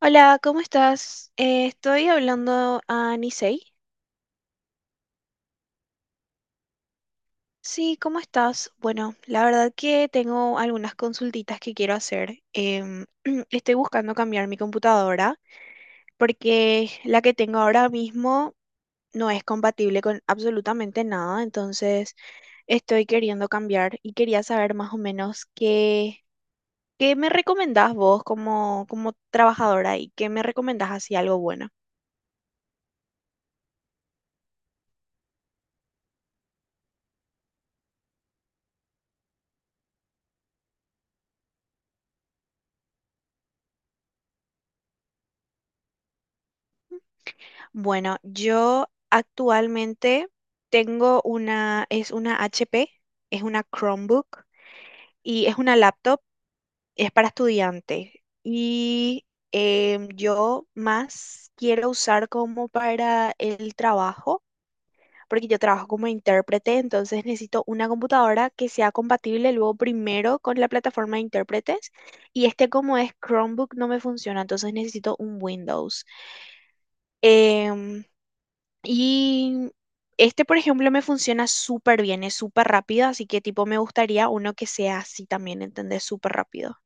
Hola, ¿cómo estás? Estoy hablando a Nisei. Sí, ¿cómo estás? Bueno, la verdad que tengo algunas consultitas que quiero hacer. Estoy buscando cambiar mi computadora porque la que tengo ahora mismo no es compatible con absolutamente nada, entonces estoy queriendo cambiar y quería saber más o menos qué me recomendás vos como trabajadora y qué me recomendás así algo bueno. Bueno, yo actualmente es una HP, es una Chromebook y es una laptop, es para estudiante. Y yo más quiero usar como para el trabajo, porque yo trabajo como intérprete, entonces necesito una computadora que sea compatible luego primero con la plataforma de intérpretes. Y este como es Chromebook no me funciona, entonces necesito un Windows. Em, Y este, por ejemplo, me funciona súper bien, es súper rápido, así que tipo me gustaría uno que sea así también, ¿entendés? Súper rápido.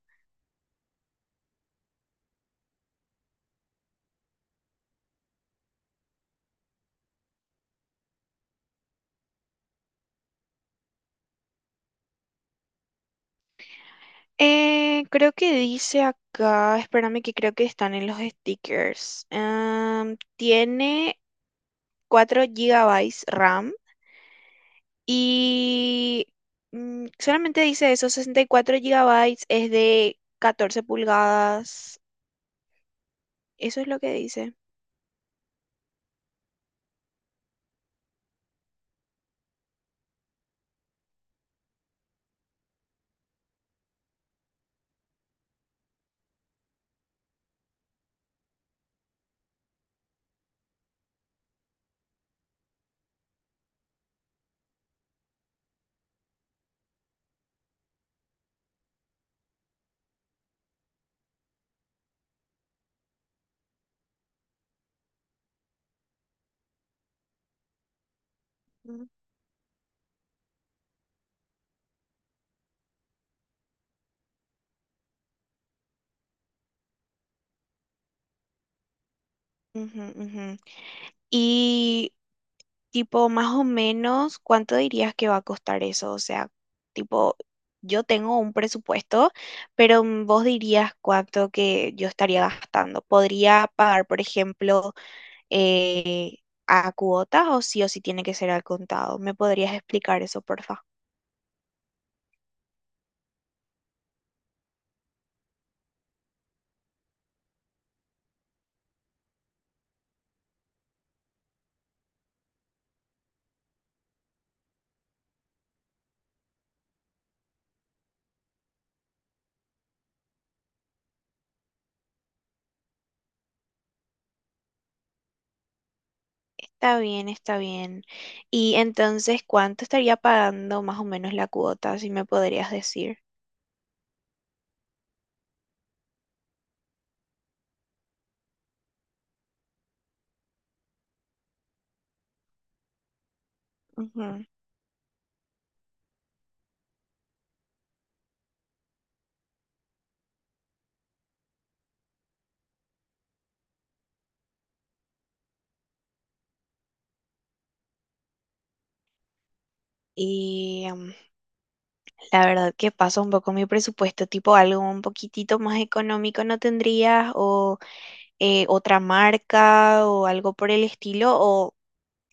Creo que dice acá, espérame que creo que están en los stickers. Am, tiene 4 GB RAM y solamente dice eso, 64 GB es de 14 pulgadas. Eso es lo que dice. Mm, ujú, ujú. Y Tipo, más o menos, ¿cuánto dirías que va a costar eso? O sea, tipo, yo tengo un presupuesto, pero vos dirías cuánto que yo estaría gastando. ¿Podría pagar, por ejemplo, eh, a cuotas o sí tiene que ser al contado? ¿Me podrías explicar eso, porfa? Está bien, está bien. Y entonces, ¿cuánto estaría pagando más o menos la cuota, si me podrías decir? Ujú. Y la verdad que pasa un poco mi presupuesto, tipo algo un poquitito más económico no tendrías, o otra marca, o algo por el estilo, o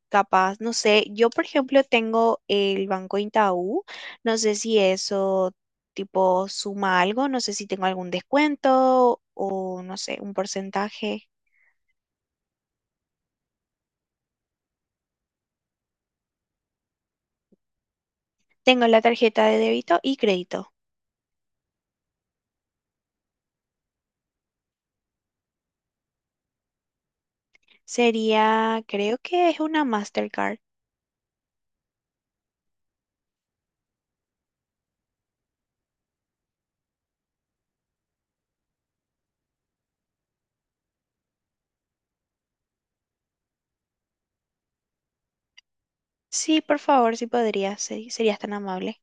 capaz, no sé, yo por ejemplo tengo el Banco Itaú, no sé si eso tipo suma algo, no sé si tengo algún descuento o no sé, un porcentaje. Tengo la tarjeta de débito y crédito. Sería, creo que es una Mastercard. Sí, por favor, si podría, sí, serías tan amable.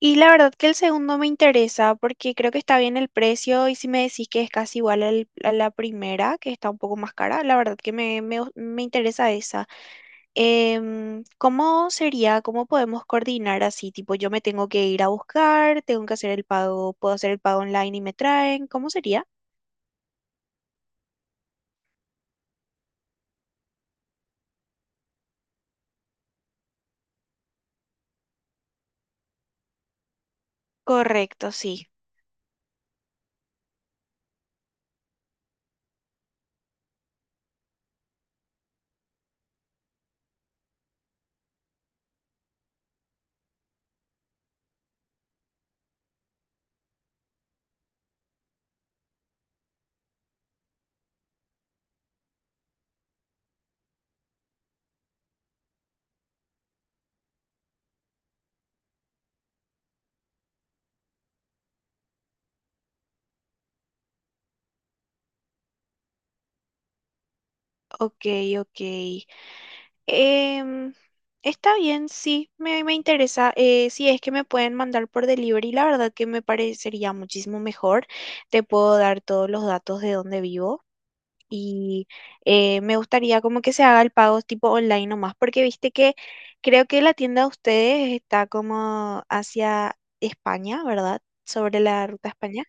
Y la verdad que el segundo me interesa porque creo que está bien el precio y si me decís que es casi igual a la primera, que está un poco más cara, la verdad que me interesa esa. Em, ¿cómo sería? ¿Cómo podemos coordinar así? Tipo, yo me tengo que ir a buscar, tengo que hacer el pago, puedo hacer el pago online y me traen. ¿Cómo sería? Correcto, sí. Ok, ok. Em, está bien, sí, me interesa. Si es que me pueden mandar por delivery, la verdad que me parecería muchísimo mejor. Te puedo dar todos los datos de dónde vivo y me gustaría como que se haga el pago tipo online nomás, porque viste que creo que la tienda de ustedes está como hacia España, ¿verdad? Sobre la ruta a España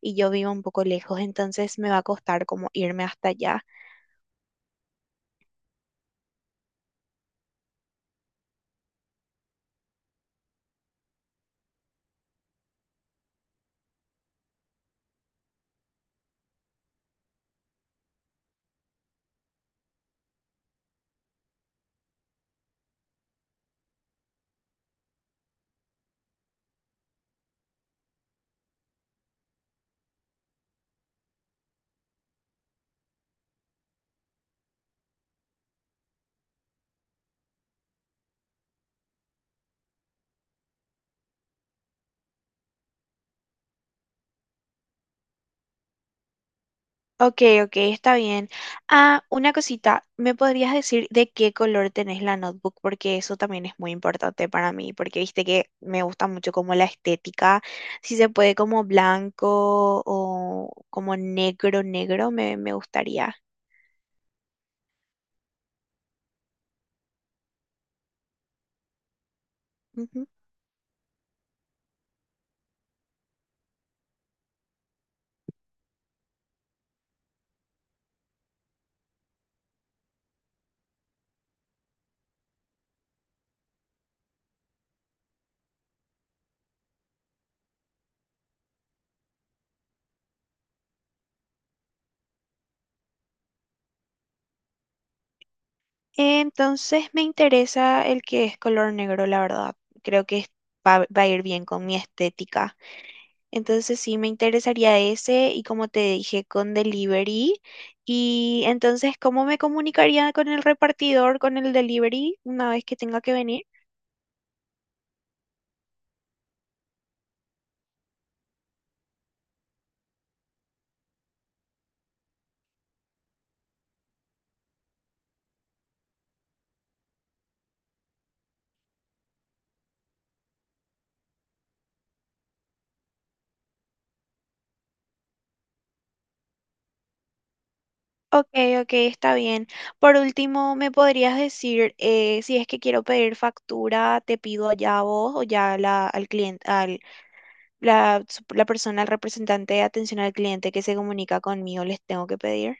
y yo vivo un poco lejos, entonces me va a costar como irme hasta allá. Ok, ok, está bien. Ah, una cosita, ¿me podrías decir de qué color tenés la notebook? Porque eso también es muy importante para mí, porque viste que me gusta mucho como la estética, si se puede como blanco o como negro, negro, me gustaría. Ujú. Entonces me interesa el que es color negro, la verdad. Creo que va, va a ir bien con mi estética. Entonces sí me interesaría ese y como te dije con delivery. Y entonces, ¿cómo me comunicaría con el repartidor, con el delivery, una vez que tenga que venir? Ok, ok, está bien. Por último, ¿me podrías decir si es que quiero pedir factura, te pido allá a vos o ya a al cliente, la persona, el representante de atención al cliente que se comunica conmigo, les tengo que pedir?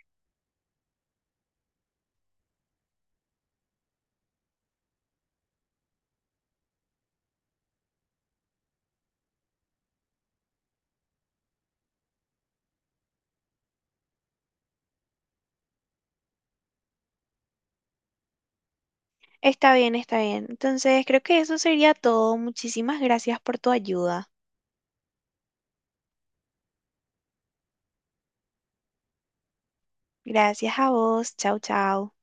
Está bien, está bien. Entonces, creo que eso sería todo. Muchísimas gracias por tu ayuda. Gracias a vos. Chau, chau.